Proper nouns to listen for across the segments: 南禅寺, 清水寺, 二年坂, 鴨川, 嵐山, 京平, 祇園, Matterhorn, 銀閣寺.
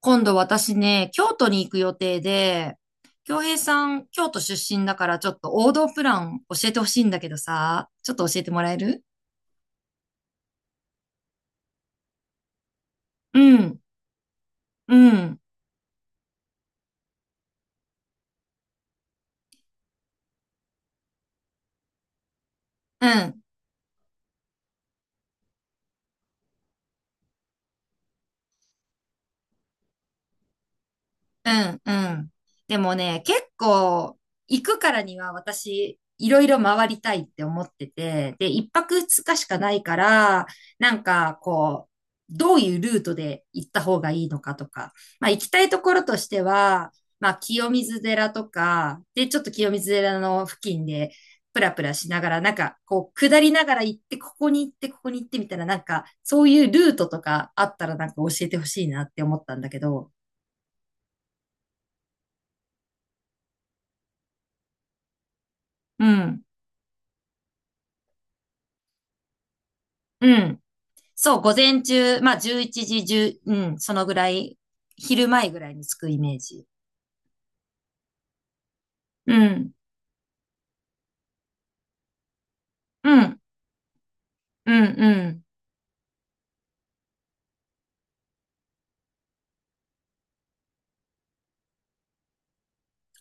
今度私ね、京都に行く予定で、京平さん、京都出身だからちょっと王道プラン教えてほしいんだけどさ、ちょっと教えてもらえる？うん、うん、うん。うんうん。でもね、結構行くからには私、いろいろ回りたいって思ってて、で、一泊二日しかないから、なんかこう、どういうルートで行った方がいいのかとか、まあ行きたいところとしては、まあ清水寺とか、で、ちょっと清水寺の付近で、プラプラしながら、なんか、こう、下りながら行って、ここに行って、ここに行ってみたいな、なんか、そういうルートとかあったら、なんか教えてほしいなって思ったんだけど。うん。うん。そう、午前中、まあ11時1ううん、そのぐらい、昼前ぐらいに着くイメージ。うん、うん、うん、うん。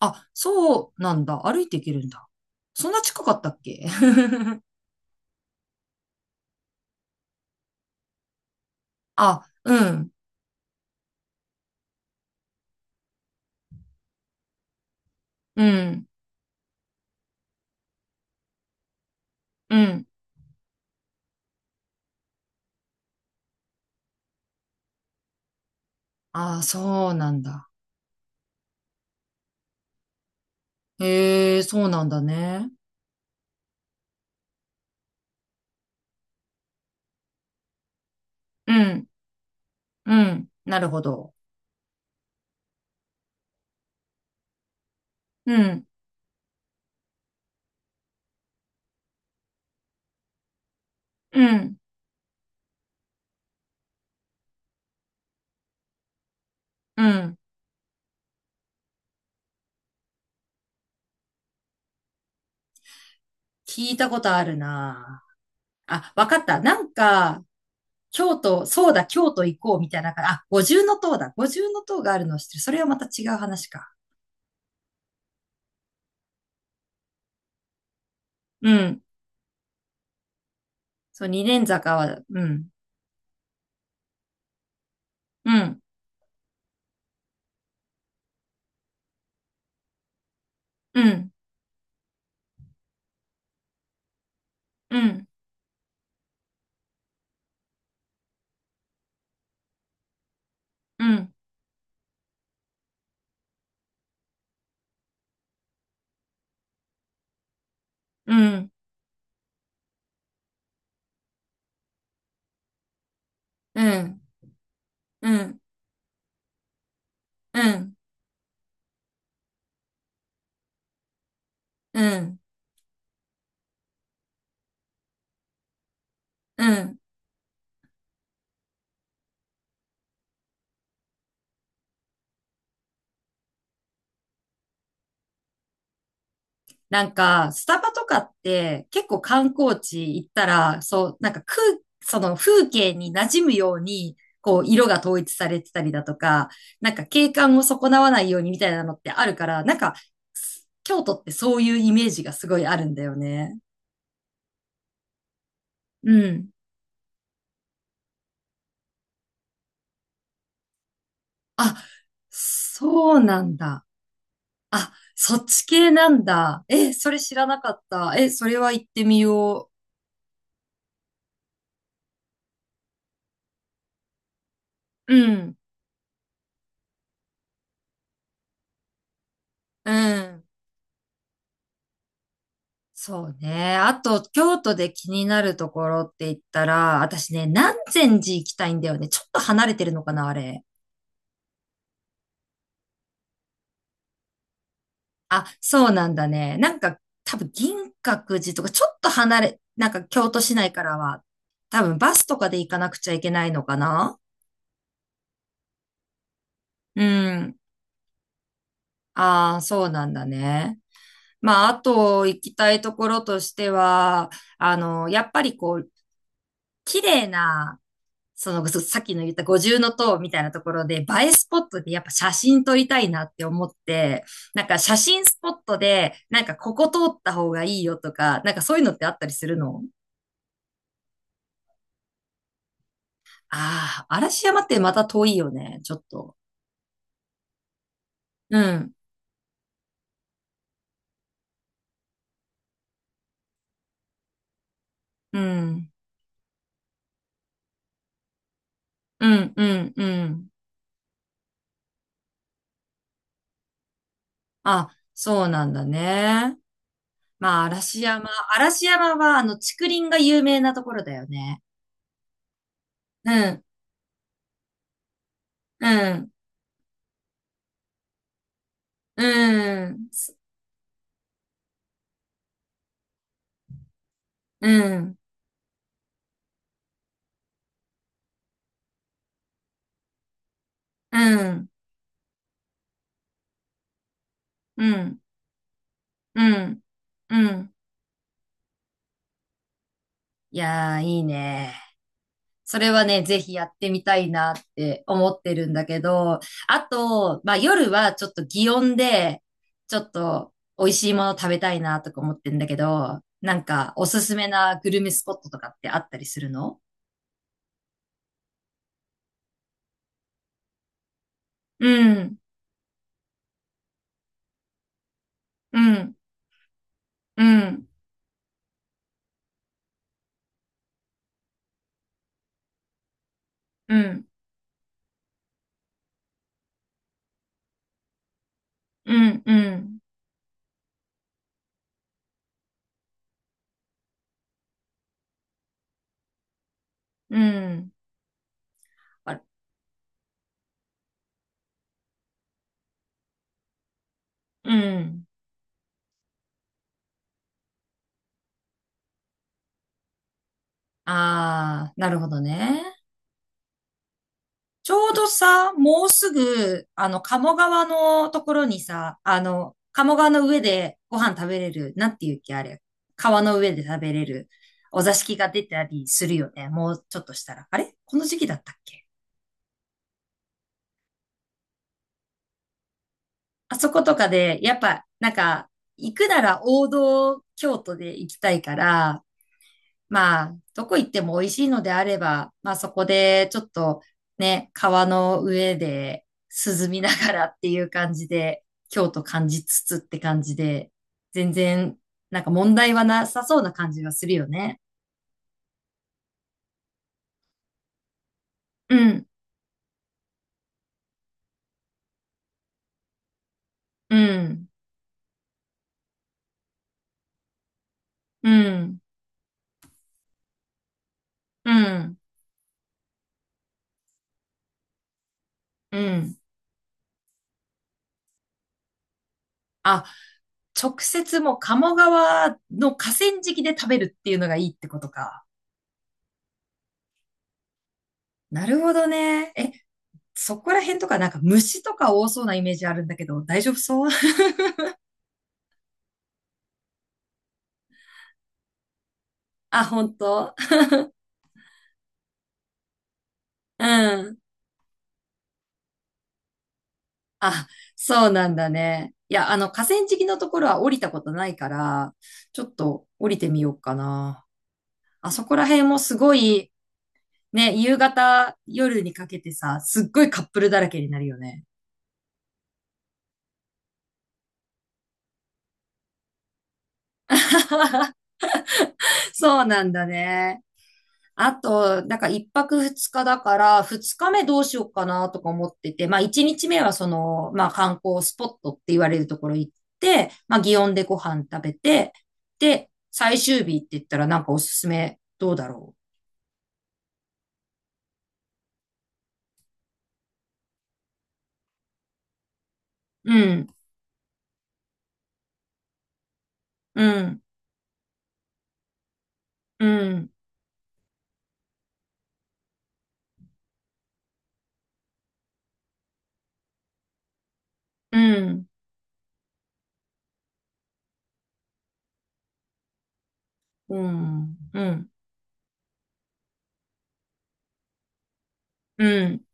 あ、そうなんだ。歩いていけるんだ。そんな近かったっけ？ あ、うん、うん、うん。あ、そうなんだ。へえ、そうなんだね。うん、うん。なるほど。うん、うん、うん。聞いたことあるな。あ、わかった。なんか、京都、そうだ、京都行こうみたいなあ、五重の塔だ。五重の塔があるのを知ってる。それはまた違う話か。うん。そう、二年坂は、うん。うん。うん。うん。うん。うん。うん。うん。うん。うん。うん。なんか、スタバとかって結構観光地行ったら、そう、なんか空、その風景に馴染むように、こう、色が統一されてたりだとか、なんか景観を損なわないようにみたいなのってあるから、なんか、京都ってそういうイメージがすごいあるんだよね。うん。あ、そうなんだ。あ、そっち系なんだ。え、それ知らなかった。え、それは行ってみよう。うん、うん。そうね。あと、京都で気になるところって言ったら、私ね、南禅寺行きたいんだよね。ちょっと離れてるのかな、あれ。あ、そうなんだね。なんか、多分、銀閣寺とか、ちょっと離れ、なんか、京都市内からは、多分、バスとかで行かなくちゃいけないのかな。うん。ああ、そうなんだね。まあ、あと、行きたいところとしては、あの、やっぱりこう、綺麗な、その、さっきの言った五重の塔みたいなところで、映えスポットでやっぱ写真撮りたいなって思って、なんか写真スポットで、なんかここ通った方がいいよとか、なんかそういうのってあったりするの？ああー、嵐山ってまた遠いよね、ちょっと。うん、うん、うん、うん、うん。あ、そうなんだね。まあ、嵐山。嵐山は、あの、竹林が有名なところだよね。うん、うん、うん、うん、うん、うん。うん。うん。いやー、いいね。それはね、ぜひやってみたいなって思ってるんだけど、あと、まあ夜はちょっと祇園で、ちょっと美味しいもの食べたいなとか思ってんだけど、なんかおすすめなグルメスポットとかってあったりするの？うん。うん。うん。うん。うん。うん。うん。あ、うん。あー、なるほどね。ちょうどさ、もうすぐ、あの、鴨川のところにさ、あの、鴨川の上でご飯食べれる、なんていうっけ、あれ？川の上で食べれる、お座敷が出たりするよね。もうちょっとしたら。あれこの時期だったっけ？あそことかで、やっぱ、なんか、行くなら王道京都で行きたいから、まあ、どこ行っても美味しいのであれば、まあそこでちょっとね、川の上で涼みながらっていう感じで、京都感じつつって感じで、全然なんか問題はなさそうな感じがするよね。うん、うん、うん、うん、うん。あ、直接もう鴨川の河川敷で食べるっていうのがいいってことか。なるほどね。え、そこら辺とかなんか虫とか多そうなイメージあるんだけど、大丈夫そう？あ、本当？うん。あ、そうなんだね。いや、あの、河川敷のところは降りたことないから、ちょっと降りてみようかな。あそこら辺もすごい、ね、夕方、夜にかけてさ、すっごいカップルだらけになるよね。そうなんだね。あと、なんか一泊二日だから、二日目どうしようかなとか思ってて、まあ一日目はその、まあ観光スポットって言われるところ行って、まあ祇園でご飯食べて、で、最終日って言ったらなんかおすすめどうだろう。うん、うん、うん、うん、うん、うん、うん。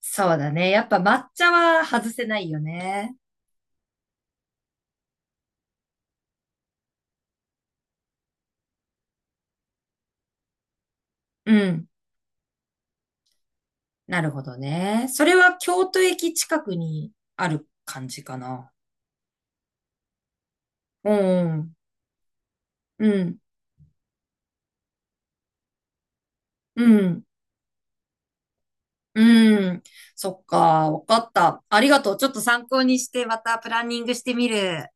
そうだね。やっぱ抹茶は外せないよね。うん。なるほどね。それは京都駅近くにある感じかな。うん。うん、うん、うん。そっか、わかった。ありがとう。ちょっと参考にして、またプランニングしてみる。